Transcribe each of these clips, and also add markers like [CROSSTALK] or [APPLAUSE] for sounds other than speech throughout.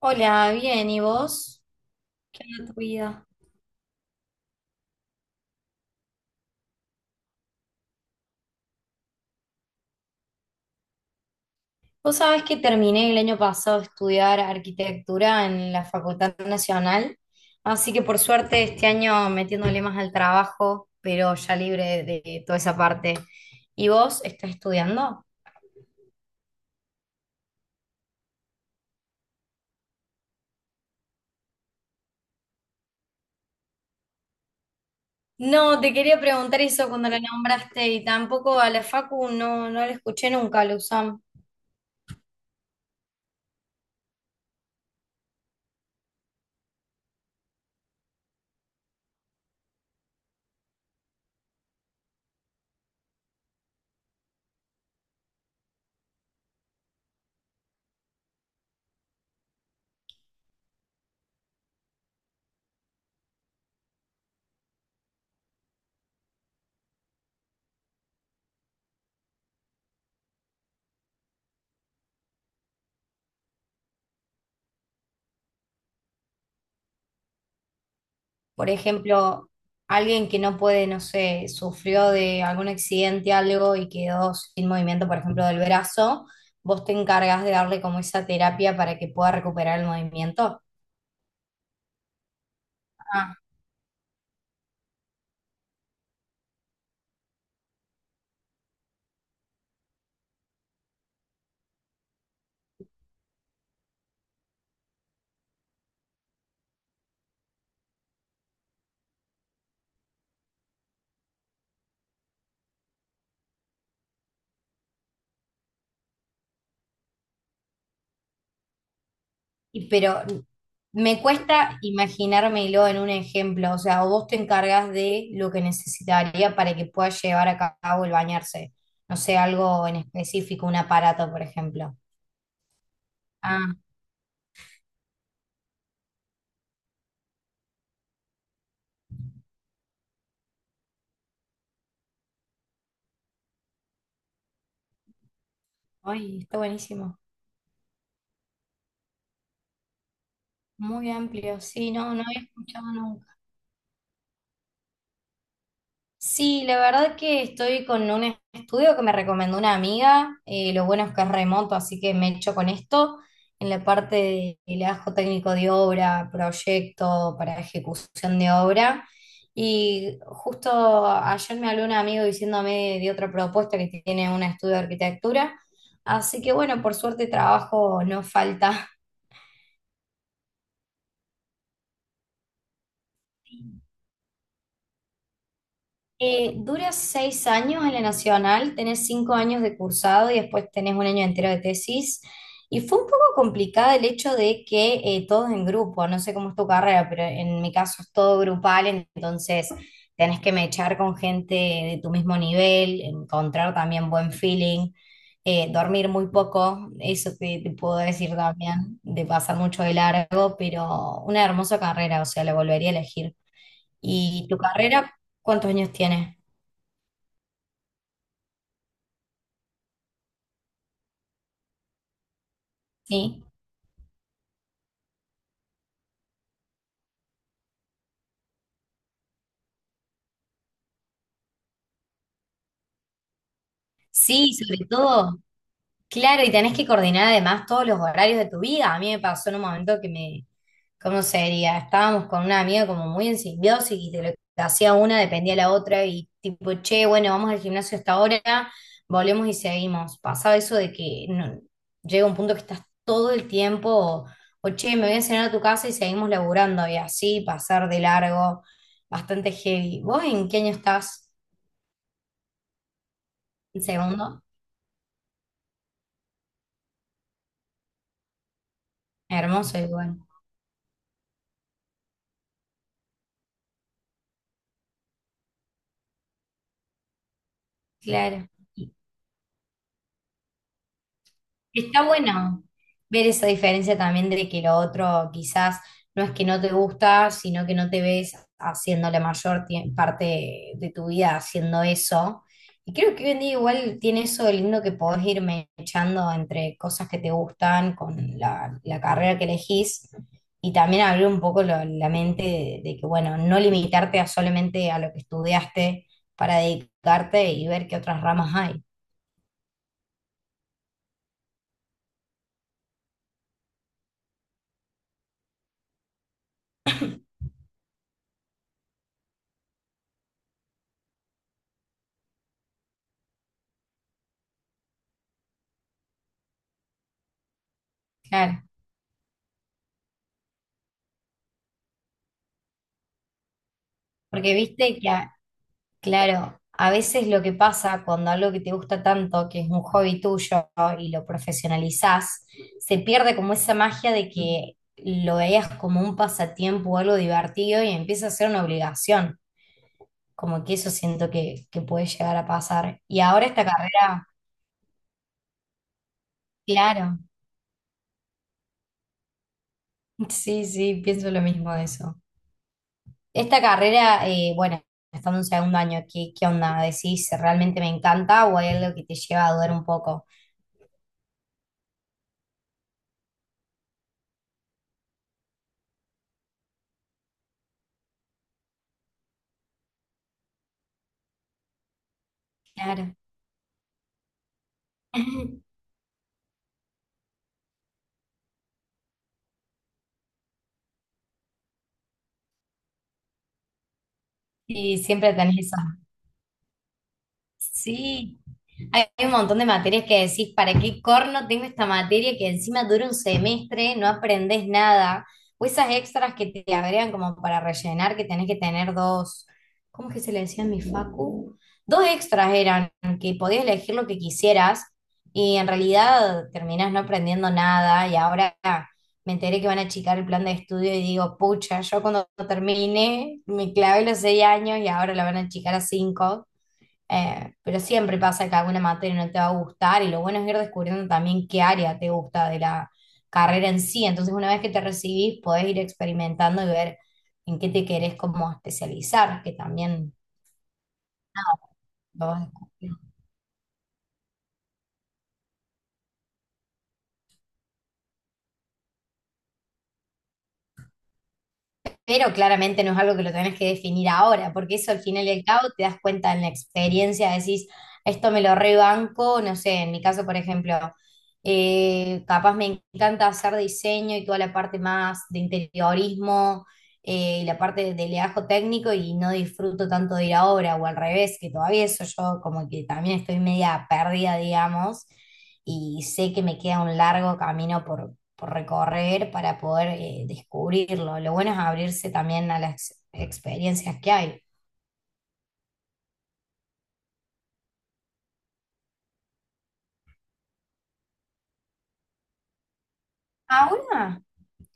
Hola, bien, ¿y vos? ¿Qué onda tu vida? Vos sabés que terminé el año pasado de estudiar arquitectura en la Facultad Nacional, así que por suerte este año metiéndole más al trabajo, pero ya libre de toda esa parte. ¿Y vos estás estudiando? No, te quería preguntar eso cuando la nombraste y tampoco a la Facu no la escuché nunca, la USAM. Por ejemplo, alguien que no puede, no sé, sufrió de algún accidente, algo y quedó sin movimiento, por ejemplo, del brazo, vos te encargas de darle como esa terapia para que pueda recuperar el movimiento. Ah. Pero me cuesta imaginármelo en un ejemplo, o sea, o vos te encargas de lo que necesitaría para que pueda llevar a cabo el bañarse, no sé, algo en específico, un aparato, por ejemplo. Ah. Ay, está buenísimo. Muy amplio, sí, no había escuchado nunca. Sí, la verdad que estoy con un estudio que me recomendó una amiga. Lo bueno es que es remoto, así que me echo con esto en la parte de legajo técnico de obra, proyecto para ejecución de obra. Y justo ayer me habló un amigo diciéndome de otra propuesta que tiene un estudio de arquitectura. Así que bueno, por suerte trabajo no falta. Dura seis años en la Nacional, tenés cinco años de cursado y después tenés un año entero de tesis. Y fue un poco complicada el hecho de que todos en grupo, no sé cómo es tu carrera, pero en mi caso es todo grupal, entonces tenés que mechar con gente de tu mismo nivel, encontrar también buen feeling, dormir muy poco, eso te puedo decir también, de pasar mucho de largo, pero una hermosa carrera, o sea, la volvería a elegir. ¿Y tu carrera, cuántos años tienes? Sí. Sí, sobre todo. Claro, y tenés que coordinar además todos los horarios de tu vida. A mí me pasó en un momento ¿cómo sería? Estábamos con una amiga como muy en simbiosis y de lo que hacía una dependía la otra y tipo, che, bueno, vamos al gimnasio hasta ahora, volvemos y seguimos. Pasaba eso de que llega un punto que estás todo el tiempo, che, me voy a cenar a tu casa y seguimos laburando y así pasar de largo, bastante heavy. ¿Vos en qué año estás? ¿En segundo? Hermoso igual. Claro. Está bueno ver esa diferencia también de que lo otro quizás no es que no te gusta, sino que no te ves haciendo la mayor parte de tu vida haciendo eso. Y creo que hoy en día igual tiene eso de lindo que podés ir echando entre cosas que te gustan con la carrera que elegís y también abrir un poco la mente de que, bueno, no limitarte a solamente a lo que estudiaste para dedicarte y ver qué otras ramas hay. Claro. Porque viste que, claro, a veces lo que pasa cuando algo que te gusta tanto, que es un hobby tuyo y lo profesionalizás, se pierde como esa magia de que lo veías como un pasatiempo o algo divertido y empieza a ser una obligación. Como que eso siento que puede llegar a pasar. Y ahora esta carrera, claro, [LAUGHS] sí, pienso lo mismo de eso. Esta carrera, bueno, estando en segundo año, qué onda? ¿Decís realmente me encanta o hay algo que te lleva a dudar un poco? Claro. [LAUGHS] Y siempre tenés eso. Sí, hay un montón de materias que decís, ¿para qué corno tengo esta materia que encima dura un semestre, no aprendés nada? O esas extras que te agregan como para rellenar, que tenés que tener dos, ¿cómo es que se le decía en mi facu? Dos extras eran, que podías elegir lo que quisieras y en realidad terminás no aprendiendo nada y ahora me enteré que van a achicar el plan de estudio y digo, pucha, yo cuando termine me clavé los seis años y ahora lo van a achicar a cinco. Pero siempre pasa que alguna materia no te va a gustar y lo bueno es ir descubriendo también qué área te gusta de la carrera en sí. Entonces, una vez que te recibís, podés ir experimentando y ver en qué te querés como especializar, que también nada, lo vas descubriendo. Pero claramente no es algo que lo tenés que definir ahora, porque eso al final y al cabo te das cuenta en la experiencia, decís, esto me lo rebanco, no sé, en mi caso, por ejemplo, capaz me encanta hacer diseño y toda la parte más de interiorismo y la parte de leajo técnico y no disfruto tanto de ir a obra o al revés, que todavía eso yo como que también estoy media perdida, digamos, y sé que me queda un largo camino por recorrer para poder descubrirlo. Lo bueno es abrirse también a las experiencias que hay. Ahora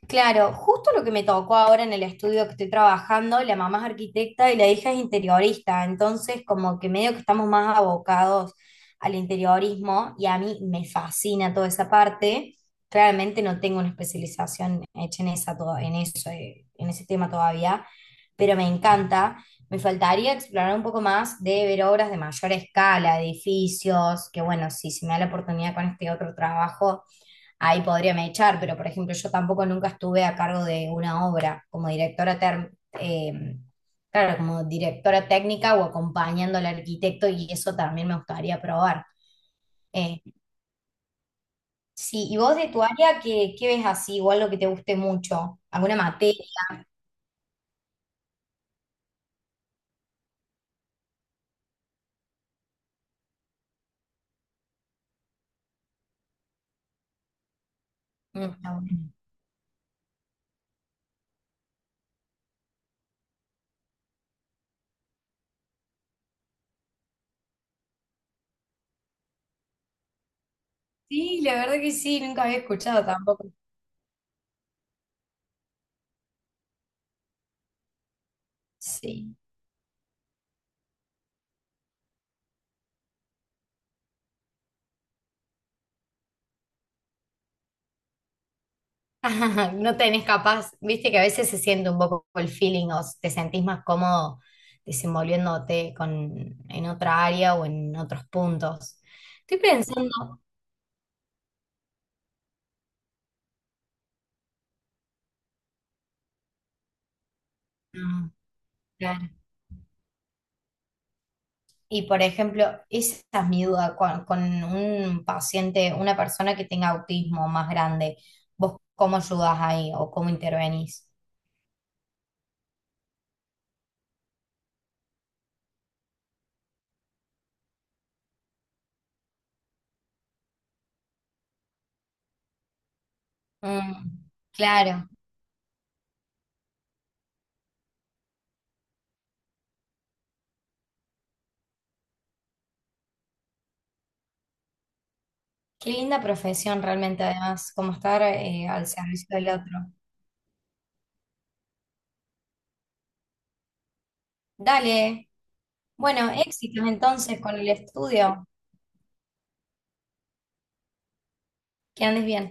claro, justo lo que me tocó ahora en el estudio que estoy trabajando, la mamá es arquitecta y la hija es interiorista, entonces como que medio que estamos más abocados al interiorismo y a mí me fascina toda esa parte. Claramente no tengo una especialización hecha en esa en eso, en ese tema todavía, pero me encanta. Me faltaría explorar un poco más de ver obras de mayor escala, edificios, que bueno, si se me da la oportunidad con este otro trabajo ahí podrían echar, pero por ejemplo, yo tampoco nunca estuve a cargo de una obra como directora, eh, claro, como directora técnica o acompañando al arquitecto y eso también me gustaría probar. Eh, sí, y vos de tu área, qué ves así? Igual lo que te guste mucho, alguna materia. Mm, está bueno. Sí, la verdad que sí, nunca había escuchado tampoco. Sí. [LAUGHS] No tenés capaz, viste que a veces se siente un poco el feeling o te sentís más cómodo desenvolviéndote con, en otra área o en otros puntos. Estoy pensando, mm, claro. Y por ejemplo, esa es mi duda con un paciente, una persona que tenga autismo más grande, ¿vos cómo ayudás ahí o cómo intervenís? Mm, claro, qué linda profesión realmente además, como estar al servicio del otro. Dale. Bueno, éxitos entonces con el estudio. Que andes bien.